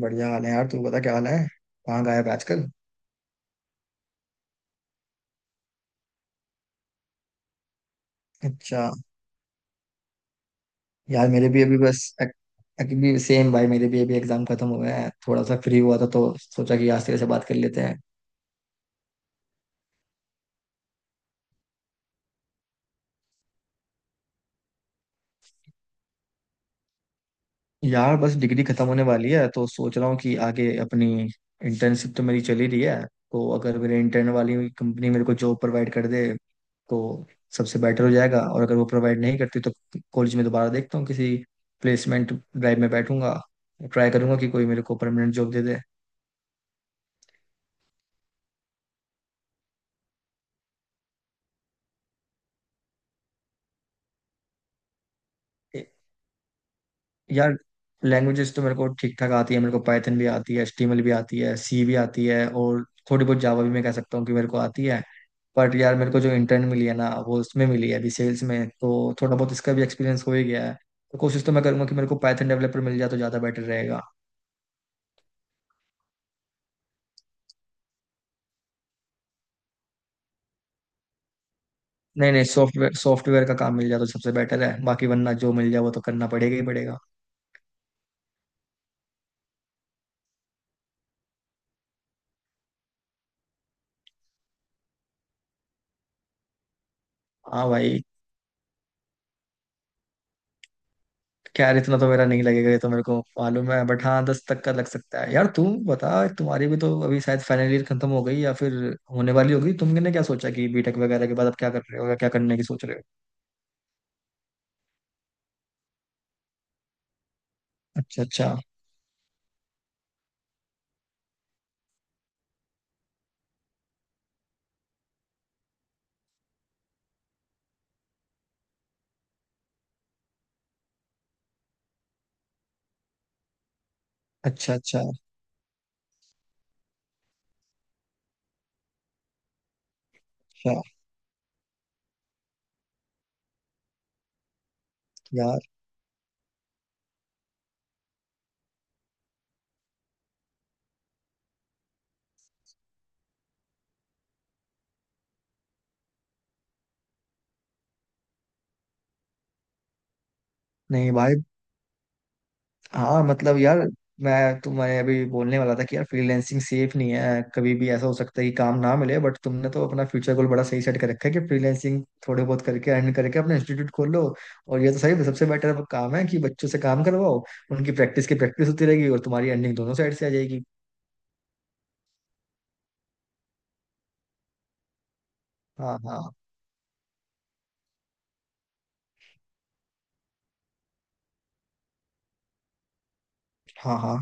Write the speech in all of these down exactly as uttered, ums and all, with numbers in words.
बढ़िया हाल है यार। तू बता क्या हाल है। कहाँ गायब है आजकल। अच्छा। यार मेरे भी अभी बस एक- अभी सेम भाई। मेरे भी अभी एग्जाम खत्म हुए हैं। थोड़ा सा फ्री हुआ था तो सोचा कि आज तेरे से बात कर लेते हैं। यार बस डिग्री खत्म होने वाली है तो सोच रहा हूँ कि आगे अपनी इंटर्नशिप तो मेरी चली रही है। तो अगर मेरे इंटर्न वाली कंपनी मेरे को जॉब प्रोवाइड कर दे तो सबसे बेटर हो जाएगा। और अगर वो प्रोवाइड नहीं करती तो कॉलेज में दोबारा देखता हूँ। किसी प्लेसमेंट ड्राइव में बैठूंगा। ट्राई करूंगा कि कोई मेरे को परमानेंट जॉब दे दे। यार लैंग्वेजेस तो मेरे को ठीक ठाक आती है। मेरे को पाइथन भी आती है, एचटीएमएल भी आती है, सी भी आती है और थोड़ी बहुत जावा भी मैं कह सकता हूँ कि मेरे को आती है। बट यार मेरे को जो इंटर्न मिली है ना वो उसमें मिली है अभी सेल्स में, तो थोड़ा बहुत इसका भी एक्सपीरियंस हो ही गया है। तो कोशिश तो मैं करूंगा कि मेरे को पाइथन डेवलपर मिल जाए तो ज़्यादा बेटर रहेगा। नहीं नहीं, सॉफ्टवेयर सॉफ्टवेयर का काम मिल जाए तो सबसे बेटर है, बाकी वरना जो मिल जाए वो तो करना पड़ेगा ही पड़ेगा। हाँ भाई। क्या यार, इतना तो मेरा नहीं लगेगा, ये तो मेरे को मालूम है। बट हाँ दस तक का लग सकता है। यार तुम बता, तुम्हारी भी तो अभी शायद फाइनल ईयर खत्म हो गई या फिर होने वाली होगी। तुमने क्या सोचा कि बीटेक वगैरह के बाद अब क्या कर रहे हो या क्या करने की सोच रहे हो। अच्छा अच्छा। अच्छा अच्छा। अच्छा। यार नहीं भाई। हाँ मतलब यार, मैं तुम्हें अभी बोलने वाला था कि यार फ्रीलैंसिंग सेफ नहीं है। कभी भी ऐसा हो सकता है कि काम ना मिले। बट तुमने तो अपना फ्यूचर गोल बड़ा सही सेट कर रखा है कि फ्रीलैंसिंग थोड़े बहुत करके अर्न करके अपना इंस्टीट्यूट खोल लो। और ये तो सही सबसे बेटर काम है कि बच्चों से काम करवाओ। उनकी प्रैक्टिस की प्रैक्टिस होती रहेगी और तुम्हारी अर्निंग दोनों साइड से आ जाएगी। हाँ हाँ। हाँ हाँ।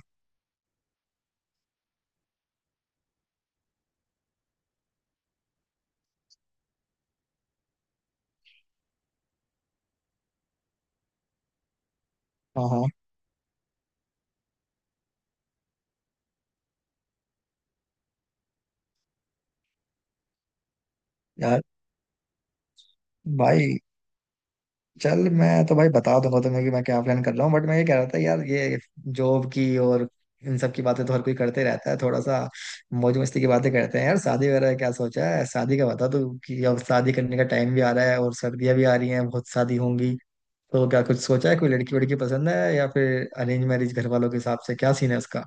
हाँ हाँ। यार भाई, चल मैं तो भाई बता दूंगा तुम्हें कि मैं क्या प्लान कर रहा हूँ। बट मैं ये कह रहा था यार, ये जॉब की और इन सब की बातें तो हर कोई करते रहता है। थोड़ा सा मौज मस्ती की बातें करते हैं यार। शादी वगैरह क्या सोचा है, शादी का बता तू, कि अब शादी करने का टाइम भी आ रहा है और सर्दियां भी आ रही हैं, बहुत शादी होंगी। तो क्या कुछ सोचा है, कोई लड़की वड़की पसंद है या फिर अरेंज मैरिज घर वालों के हिसाब से, क्या सीन है उसका।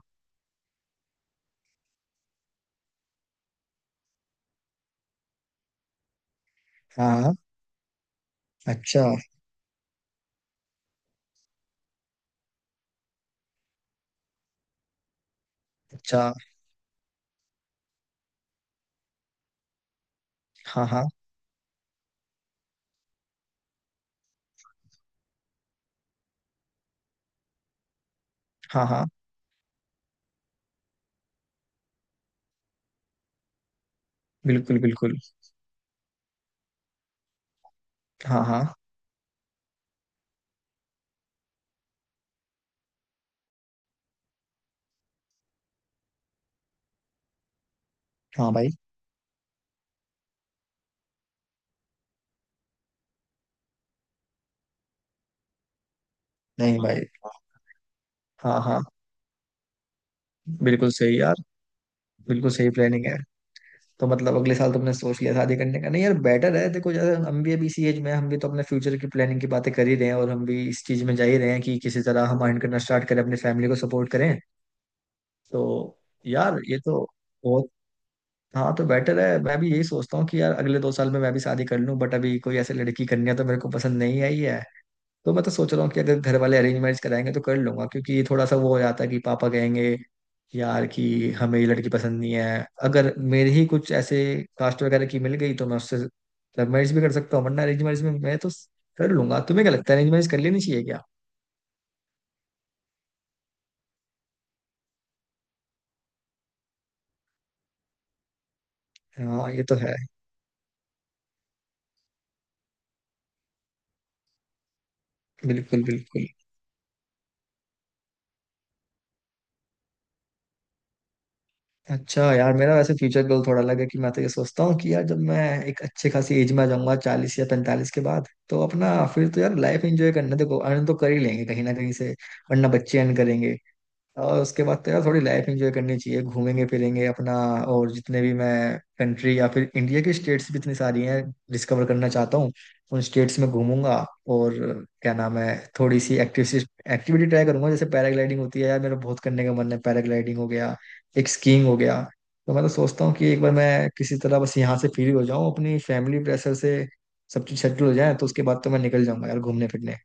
हाँ हाँ। अच्छा। अच्छा। हाँ हाँ। हाँ हाँ। बिल्कुल बिल्कुल। हाँ हाँ। हाँ भाई। नहीं भाई। हाँ हाँ। बिल्कुल सही यार। बिल्कुल सही प्लानिंग है। तो मतलब अगले साल तुमने सोच लिया शादी करने का। नहीं यार बेटर है, देखो जैसे हम भी अभी इसी एज में हैं, हम भी तो अपने फ्यूचर की प्लानिंग की बातें कर ही रहे हैं और हम भी इस चीज में जा ही रहे हैं कि किसी तरह हम अर्न करना स्टार्ट करें, अपनी फैमिली को सपोर्ट करें। तो यार ये तो बहुत। हाँ तो बेटर है, मैं भी यही सोचता हूँ कि यार अगले दो साल में मैं भी शादी कर लूँ। बट अभी कोई ऐसी लड़की कन्या तो मेरे को पसंद नहीं आई है। तो मैं तो सोच रहा हूँ कि अगर घर वाले अरेंज मैरिज कराएंगे तो कर लूंगा, क्योंकि ये थोड़ा सा वो हो जाता है कि पापा कहेंगे यार कि हमें ये लड़की पसंद नहीं है। अगर मेरे ही कुछ ऐसे कास्ट वगैरह की मिल गई तो मैं उससे लव मैरिज भी कर सकता हूँ, वरना अरेंज मैरिज में मैं तो कर लूंगा। तुम्हें क्या लगता है, अरेंज मैरिज कर लेनी चाहिए क्या। हाँ ये तो है। बिल्कुल बिल्कुल। अच्छा यार, मेरा वैसे फ्यूचर गोल थोड़ा अलग है कि मैं तो ये सोचता हूँ कि यार जब मैं एक अच्छे खासी एज में आ जाऊंगा, चालीस या पैंतालीस के बाद, तो अपना फिर तो यार लाइफ एंजॉय करना। देखो अर्न तो कर ही लेंगे कहीं ना कहीं से, वरना बच्चे अर्न करेंगे। और उसके बाद तो यार थोड़ी लाइफ एंजॉय करनी चाहिए। घूमेंगे फिरेंगे अपना, और जितने भी मैं कंट्री या फिर इंडिया की स्टेट्स भी इतनी सारी हैं, डिस्कवर करना चाहता हूँ। उन स्टेट्स में घूमूंगा। और क्या नाम है, थोड़ी सी एक्टिव एक्टिविटी ट्राई करूंगा, जैसे पैराग्लाइडिंग होती है, यार मेरा बहुत करने का मन है। पैराग्लाइडिंग हो गया, एक स्कीइंग हो गया। तो मैं तो सोचता हूँ कि एक बार मैं किसी तरह बस यहाँ से फ्री हो जाऊँ, अपनी फैमिली प्रेशर से सब चीज सेटल हो जाए, तो उसके बाद तो मैं निकल जाऊंगा यार घूमने फिरने।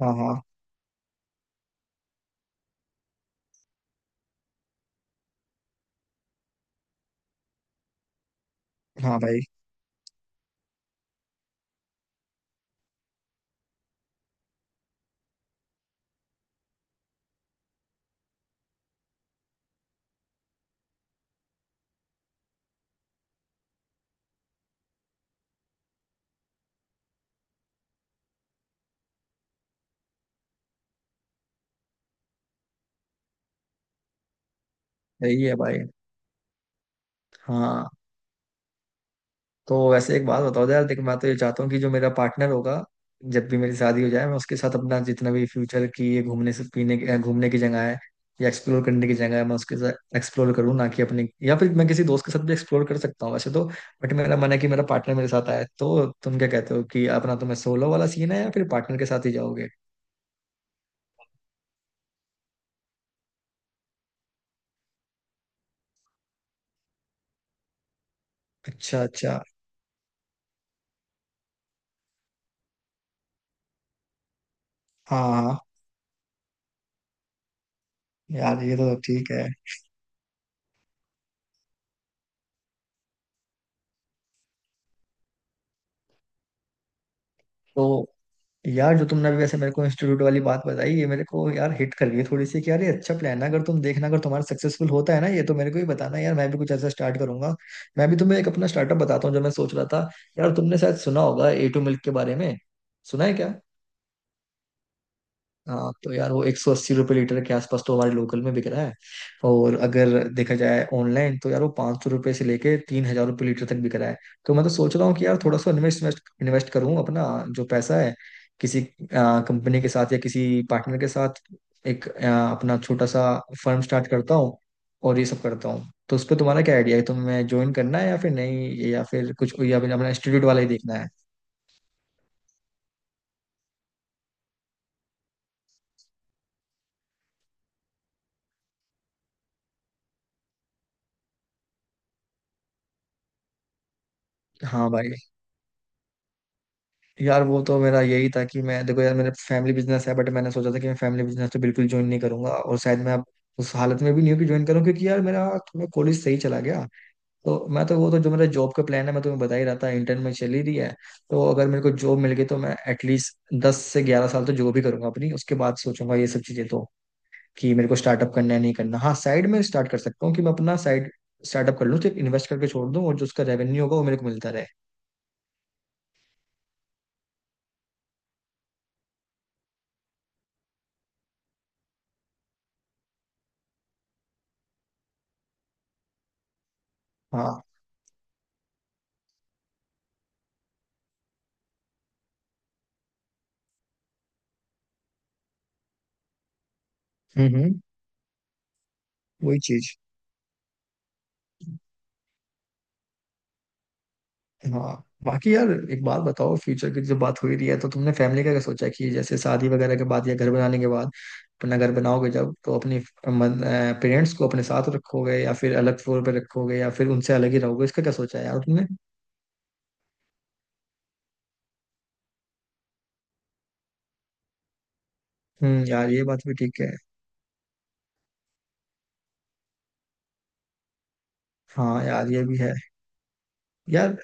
हाँ हाँ। हाँ भाई। सही है भाई। हाँ तो वैसे एक बात बताओ यार। देख मैं तो ये चाहता हूँ कि जो मेरा पार्टनर होगा, जब भी मेरी शादी हो जाए, मैं उसके साथ अपना जितना भी फ्यूचर की ये घूमने से पीने की घूमने की जगह है या एक्सप्लोर करने की जगह है, मैं उसके साथ एक्सप्लोर करूँ, ना कि अपने। या फिर मैं किसी दोस्त के साथ भी एक्सप्लोर कर सकता हूँ वैसे तो, बट मेरा मन है कि मेरा पार्टनर मेरे साथ आए। तो तुम क्या कहते हो कि अपना तुम्हें सोलो वाला सीन है या फिर पार्टनर के साथ ही जाओगे। अच्छा अच्छा। हाँ हाँ। यार ये तो ठीक है। तो यार जो तुमने अभी वैसे मेरे को इंस्टीट्यूट वाली बात बताई, ये मेरे को यार हिट कर गई थोड़ी सी कि यार ये अच्छा प्लान है। अगर तुम देखना, अगर तुम्हारा सक्सेसफुल होता है ना ये, तो मेरे को ही बताना यार, मैं भी कुछ ऐसा स्टार्ट करूंगा। मैं भी तुम्हें एक अपना स्टार्टअप बताता हूँ जो मैं सोच रहा था। यार तुमने शायद सुना होगा ए टू मिल्क के बारे में। सुना है क्या। हाँ तो यार वो एक सौ अस्सी रुपये लीटर के आसपास तो हमारे लोकल में बिक रहा है। और अगर देखा जाए ऑनलाइन तो यार वो पाँच सौ रुपये से लेके तीन हजार रुपये लीटर तक बिक रहा है। तो मैं तो सोच रहा हूँ कि यार थोड़ा सा इन्वेस्ट इन्वेस्ट करूँ अपना, जो पैसा है, किसी कंपनी के साथ या किसी पार्टनर के साथ, एक आ, अपना छोटा सा फर्म स्टार्ट करता हूँ और ये सब करता हूँ। तो उस पर तुम्हारा क्या आइडिया है, तुम्हें ज्वाइन करना है या फिर नहीं, या फिर कुछ, या फिर अपना इंस्टीट्यूट वाला ही देखना है। हाँ भाई। यार वो तो मेरा यही था कि मैं, देखो यार मेरा फैमिली बिजनेस है, बट मैंने सोचा था कि मैं फैमिली बिजनेस तो बिल्कुल ज्वाइन नहीं करूंगा। और शायद मैं अब उस हालत में भी नहीं हूँ कि ज्वाइन करूँ, क्योंकि यार मेरा थोड़ा कॉलेज सही चला गया। तो मैं तो वो तो जो मेरा जॉब का प्लान है मैं तुम्हें बता ही रहा था, इंटर्न में चल ही रही है। तो अगर मेरे को जॉब मिल गई तो मैं एटलीस्ट दस से ग्यारह साल तो जॉब ही करूंगा अपनी। उसके बाद सोचूंगा ये सब चीजें तो, कि मेरे को स्टार्टअप करना है, नहीं करना। हाँ साइड में स्टार्ट कर सकता हूँ कि मैं अपना साइड स्टार्टअप कर लूँ, सिर्फ इन्वेस्ट करके छोड़ दूँ और जो उसका रेवेन्यू होगा वो मेरे को मिलता रहे। हाँ। हम्म हम्म। वही चीज। हाँ बाकी यार एक बात बताओ, फ्यूचर की जब बात हो ही रही है तो तुमने फैमिली का क्या सोचा है, कि जैसे शादी वगैरह के बाद या घर बनाने के बाद अपना घर बनाओगे जब, तो अपने पेरेंट्स को अपने साथ रखोगे या फिर अलग फ्लोर पे रखोगे या फिर उनसे अलग ही रहोगे। इसका क्या सोचा है यार तुमने। हम्म यार ये बात भी ठीक है। हाँ यार ये भी है। यार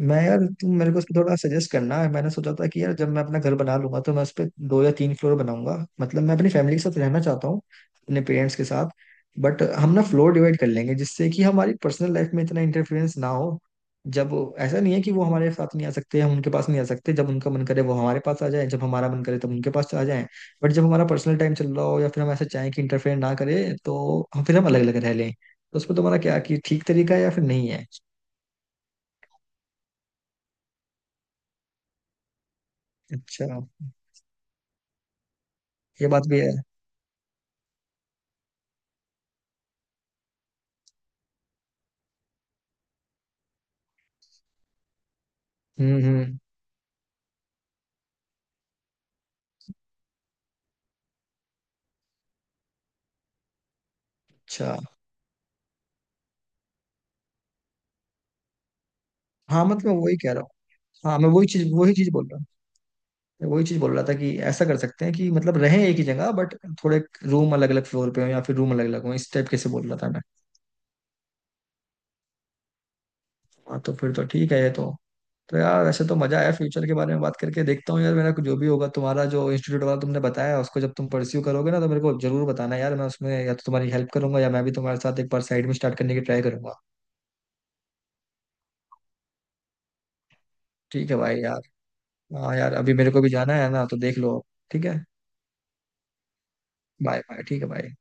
मैं, यार तुम मेरे को उस पे थोड़ा सजेस्ट करना है। मैंने सोचा था कि यार जब मैं अपना घर बना लूंगा तो मैं उस पे दो या तीन फ्लोर बनाऊंगा। मतलब मैं अपनी फैमिली के साथ रहना चाहता हूँ, अपने पेरेंट्स के साथ। बट हम ना फ्लोर डिवाइड कर लेंगे जिससे कि हमारी पर्सनल लाइफ में इतना इंटरफेरेंस ना हो। जब वो- ऐसा नहीं है कि वो हमारे साथ नहीं आ सकते, हम उनके पास नहीं आ सकते। जब उनका मन करे वो हमारे पास आ जाए, जब हमारा मन करे तब उनके पास आ जाए। बट जब हमारा पर्सनल टाइम चल रहा हो या फिर हम ऐसा चाहें कि इंटरफेयर ना करे, तो हम फिर हम अलग अलग रह लें। तो उस पर तुम्हारा क्या, कि ठीक तरीका है या फिर नहीं है। अच्छा ये बात भी है। हम्म हम्म। अच्छा। हाँ मतलब मैं वही कह रहा हूँ। हाँ मैं वही चीज वही चीज बोल रहा हूँ। मैं वही चीज बोल रहा था कि ऐसा कर सकते हैं कि मतलब रहें एक ही जगह, बट थोड़े रूम अलग अलग फ्लोर पे हो या फिर रूम अलग अलग हो, इस टाइप कैसे बोल रहा था मैं। हाँ तो फिर तो ठीक है ये तो। तो यार वैसे तो मजा आया फ्यूचर के बारे में बात करके। देखता हूँ यार मेरा कुछ जो भी होगा। तुम्हारा जो इंस्टीट्यूट वाला तुमने बताया उसको जब तुम परस्यू करोगे ना, तो मेरे को जरूर बताना यार, मैं उसमें या तो तुम्हारी हेल्प करूंगा या मैं भी तुम्हारे साथ एक बार साइड में स्टार्ट करने की ट्राई करूंगा। ठीक है भाई। यार हाँ यार अभी मेरे को भी जाना है ना तो देख लो। ठीक है। Bye bye. ठीक है बाय।